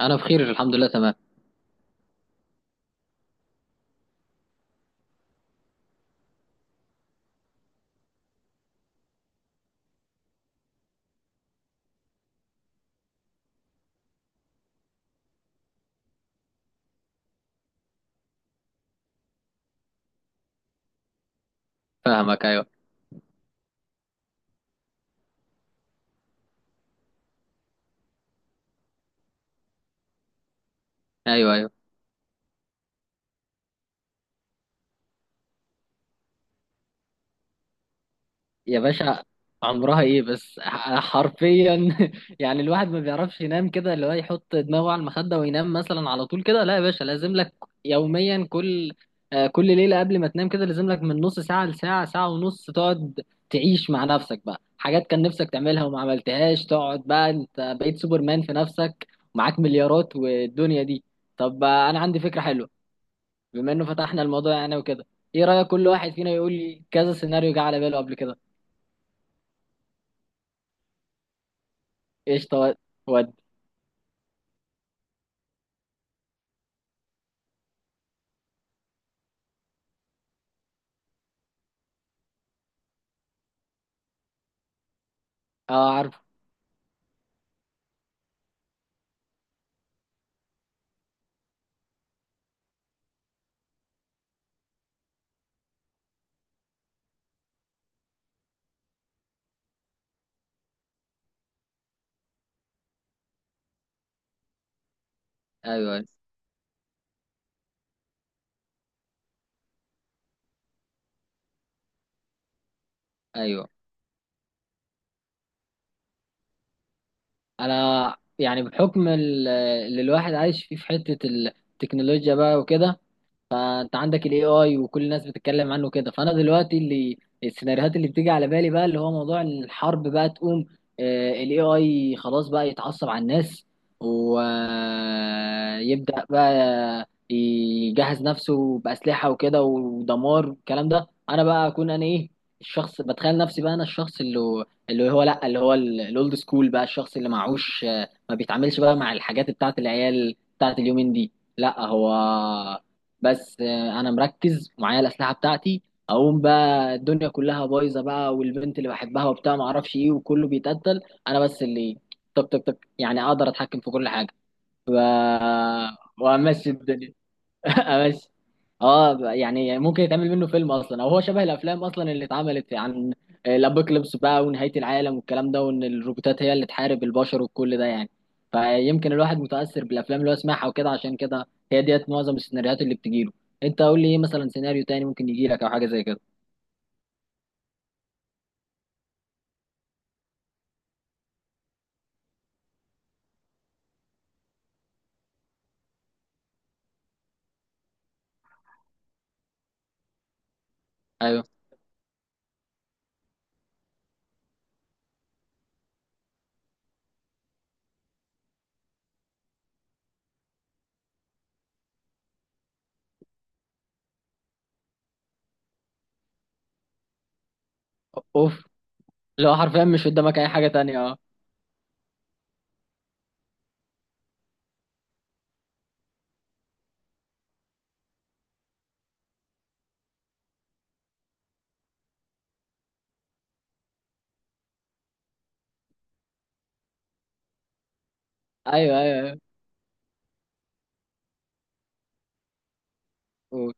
انا بخير، الحمد لله، تمام. فاهمك. ايوه ايوه. يا باشا، عمرها ايه بس؟ حرفيا يعني الواحد ما بيعرفش ينام كده، اللي هو يحط دماغه على المخدة وينام مثلا على طول كده. لا يا باشا، لازم لك يوميا، كل كل ليلة قبل ما تنام كده لازم لك من نص ساعة لساعة، ساعة ونص تقعد تعيش مع نفسك بقى، حاجات كان نفسك تعملها وما عملتهاش. تقعد بقى انت بقيت سوبرمان في نفسك، ومعاك مليارات والدنيا دي. طب انا عندي فكرة حلوة، بما انه فتحنا الموضوع يعني وكده. ايه رأيك كل واحد فينا يقول لي كذا سيناريو جه على باله قبل كده؟ قشطة. ود. اه، عارفه. ايوه ايوه. انا يعني بحكم اللي الواحد عايش فيه في حتة التكنولوجيا بقى وكده، فانت عندك الاي اي وكل الناس بتتكلم عنه كده. فانا دلوقتي اللي السيناريوهات اللي بتيجي على بالي بقى اللي هو موضوع الحرب، بقى تقوم الاي اي خلاص، بقى يتعصب على الناس ويبدأ بقى يجهز نفسه بأسلحة وكده ودمار والكلام ده. انا بقى اكون انا ايه، الشخص، بتخيل نفسي بقى انا الشخص اللي اللي هو لا، اللي هو الاولد سكول بقى، الشخص اللي معهوش ما بيتعاملش بقى مع الحاجات بتاعت العيال بتاعت اليومين دي. لا هو بس انا مركز ومعايا الاسلحه بتاعتي. اقوم بقى الدنيا كلها بايظه بقى، والبنت اللي بحبها وبتاع ما اعرفش ايه وكله بيتقتل، انا بس اللي طق طق طق، يعني اقدر اتحكم في كل حاجه وامشي الدنيا. بس اه، يعني ممكن يتعمل منه فيلم اصلا، او هو شبه الافلام اصلا اللي اتعملت عن الابوكاليبس بقى ونهايه العالم والكلام ده، وان الروبوتات هي اللي تحارب البشر وكل ده يعني. فيمكن الواحد متاثر بالافلام اللي هو سمعها وكده، عشان كده هي ديت معظم السيناريوهات اللي بتجيله. انت قول لي ايه مثلا سيناريو تاني ممكن يجي لك، او حاجه زي كده. ايوه. اوف، اللي هو حرفيا مش قدامك اي حاجه تانية، اه. ايوه. أوه.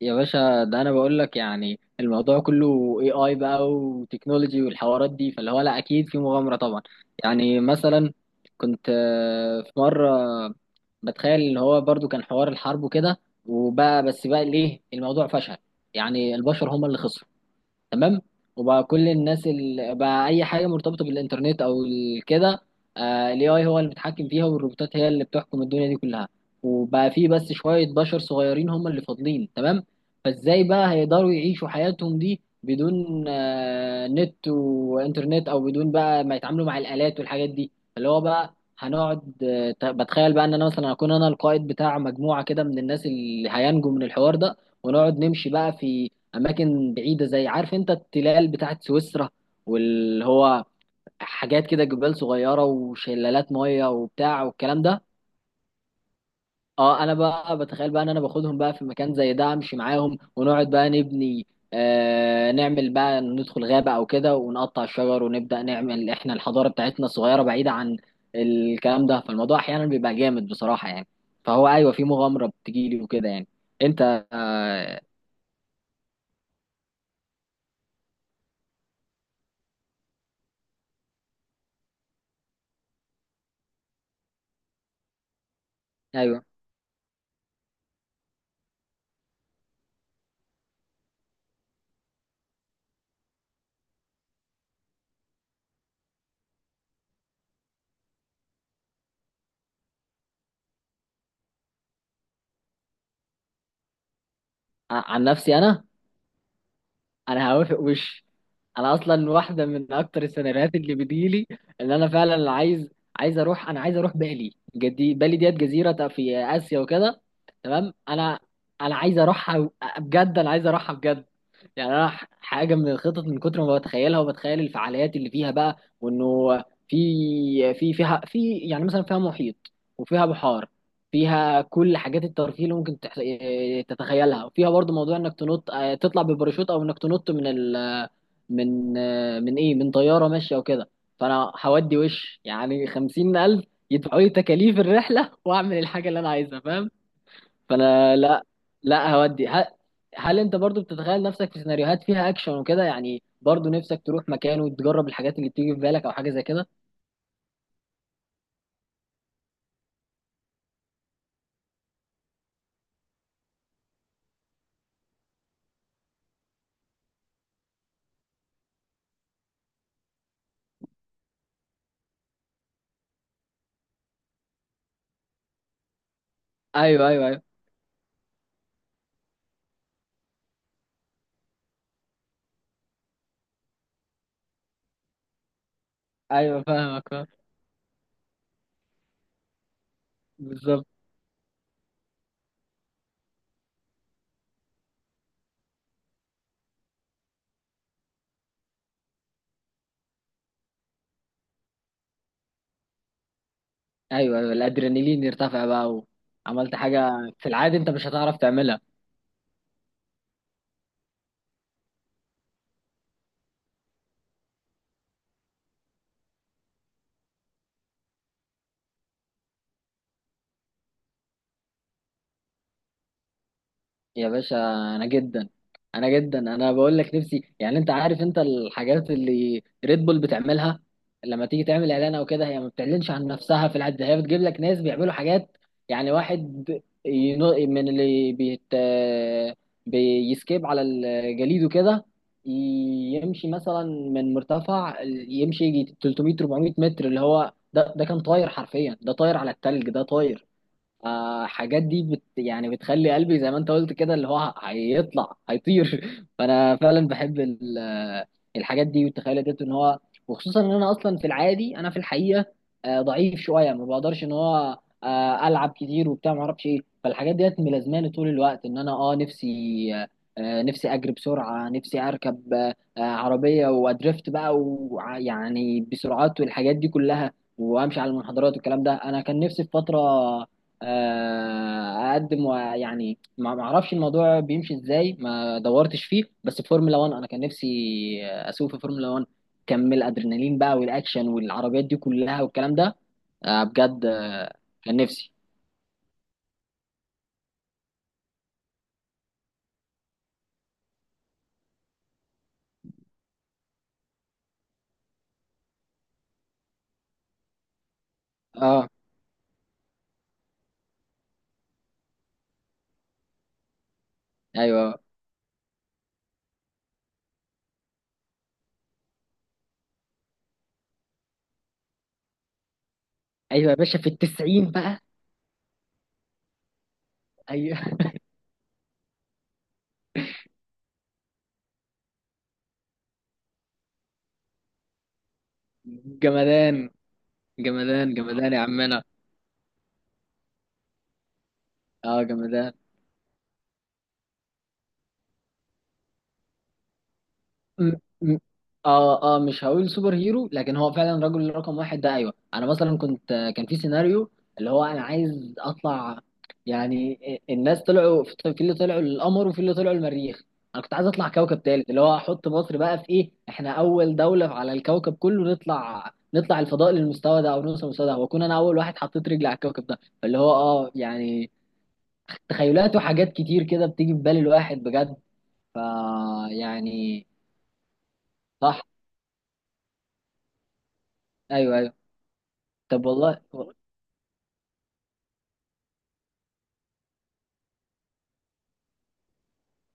يا باشا، ده انا بقول لك يعني الموضوع كله اي اي بقى وتكنولوجي والحوارات دي، فاللي هو لا، اكيد في مغامره طبعا. يعني مثلا كنت في مره بتخيل ان هو برضو كان حوار الحرب وكده، وبقى بس بقى ليه الموضوع فشل، يعني البشر هم اللي خسروا، تمام. وبقى كل الناس اللي بقى اي حاجه مرتبطه بالانترنت او كده، الاي اي هو اللي بيتحكم فيها، والروبوتات هي اللي بتحكم الدنيا دي كلها. وبقى في بس شويه بشر صغيرين هم اللي فاضلين، تمام. فازاي بقى هيقدروا يعيشوا حياتهم دي بدون نت وانترنت، او بدون بقى ما يتعاملوا مع الالات والحاجات دي، اللي هو بقى هنقعد بتخيل بقى ان انا مثلا اكون انا القائد بتاع مجموعه كده من الناس اللي هينجوا من الحوار ده. ونقعد نمشي بقى في اماكن بعيده، زي عارف انت التلال بتاعت سويسرا، واللي هو حاجات كده جبال صغيره وشلالات ميه وبتاع والكلام ده. اه، انا بقى بتخيل بقى ان انا باخدهم بقى في مكان زي ده، امشي معاهم ونقعد بقى نبني، آه نعمل بقى، ندخل غابه او كده ونقطع الشجر ونبدا نعمل احنا الحضاره بتاعتنا الصغيره بعيده عن الكلام ده. فالموضوع احيانا بيبقى جامد بصراحه يعني. فهو ايوه، في مغامره بتجيلي وكده يعني. انت آه. ايوه. عن نفسي انا، انا هوافق وش. انا اصلا واحده من اكتر السيناريوهات اللي بتجيلي ان انا فعلا عايز اروح، انا عايز اروح بالي جدي، بالي ديت جزيره في اسيا وكده، تمام. انا انا عايز اروحها بجد، انا عايز اروحها بجد. يعني انا حاجه من الخطط من كتر ما بتخيلها وبتخيل الفعاليات اللي فيها بقى، وانه في في فيها في يعني مثلا فيها محيط وفيها بحار، فيها كل حاجات الترفيه اللي ممكن تح- إيه، تتخيلها، وفيها برضو موضوع انك تنط تطلع بالباراشوت، او انك تنط من ال من آه، من ايه من طياره ماشيه وكده. فانا هودي وش يعني 50000 يدفعوا لي تكاليف الرحله واعمل الحاجه اللي انا عايزها، فاهم. فانا لا، لا هودي. هل انت برضو بتتخيل نفسك في سيناريوهات فيها اكشن وكده؟ يعني برضو نفسك تروح مكان وتجرب الحاجات اللي بتيجي في بالك، او حاجه زي كده. ايوه ايوه ايوه ايوه. فاهمك، فاهم. بالظبط. ايوه، الادرينالين يرتفع بقى، وعملت حاجه في العادي انت مش هتعرف تعملها. يا باشا، انا جدا، انا جدا، انا بقول لك نفسي. يعني انت عارف انت الحاجات اللي ريد بول بتعملها، لما تيجي تعمل اعلان او كده، هي ما بتعلنش عن نفسها في العد، هي بتجيب لك ناس بيعملوا حاجات. يعني واحد ينو من اللي بيت بيسكيب على الجليد وكده، يمشي مثلا من مرتفع، يمشي يجي 300 400 متر، اللي هو ده ده كان طاير حرفيا، ده طاير على التلج، ده طاير. حاجات دي بت يعني بتخلي قلبي زي ما انت قلت كده، اللي هو هيطلع هيطير. فانا فعلا بحب الحاجات دي والتخيلات دي ان هو. وخصوصا ان انا اصلا في العادي، انا في الحقيقه ضعيف شويه ما بقدرش ان هو العب كتير وبتاع ما اعرفش ايه. فالحاجات ديت ملازماني طول الوقت ان انا اه نفسي، آه، نفسي اجري بسرعه، نفسي اركب عربيه وادريفت بقى، ويعني بسرعات والحاجات دي كلها، وامشي على المنحدرات والكلام ده. انا كان نفسي في فتره اقدم، ويعني ما اعرفش الموضوع بيمشي ازاي، ما دورتش فيه، بس في فورمولا 1، انا كان نفسي اسوق في فورمولا 1، كم الادرينالين بقى والاكشن والعربيات دي كلها والكلام ده. بجد كان نفسي. اه ايوه، ايوه يا باشا في 90 بقى. ايوه جمدان، جمدان يا عمنا. اه جمدان. م- م- اه اه، مش هقول سوبر هيرو، لكن هو فعلا رجل رقم واحد. ده ايوه، انا مثلا كنت كان في سيناريو اللي هو انا عايز اطلع. يعني الناس طلعوا في اللي طلعوا للقمر، وفي اللي طلعوا المريخ. انا كنت عايز اطلع كوكب تالت، اللي هو احط مصر بقى في ايه، احنا اول دولة على الكوكب كله نطلع الفضاء للمستوى ده، او نوصل للمستوى ده، واكون انا اول واحد حطيت رجلي على الكوكب ده. فاللي هو اه يعني، تخيلات وحاجات كتير كده بتيجي في بال الواحد بجد. ف يعني، صح، ايوه. طب والله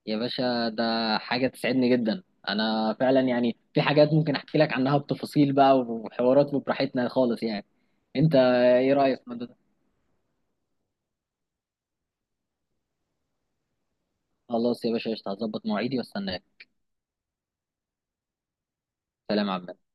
يا باشا، ده حاجة تسعدني جدا. أنا فعلا يعني في حاجات ممكن أحكي لك عنها بتفاصيل بقى وحوارات وبراحتنا خالص يعني. أنت إيه رأيك في الموضوع ده؟ خلاص يا باشا، قشطة، هظبط مواعيدي وأستناك. سلام يا عم.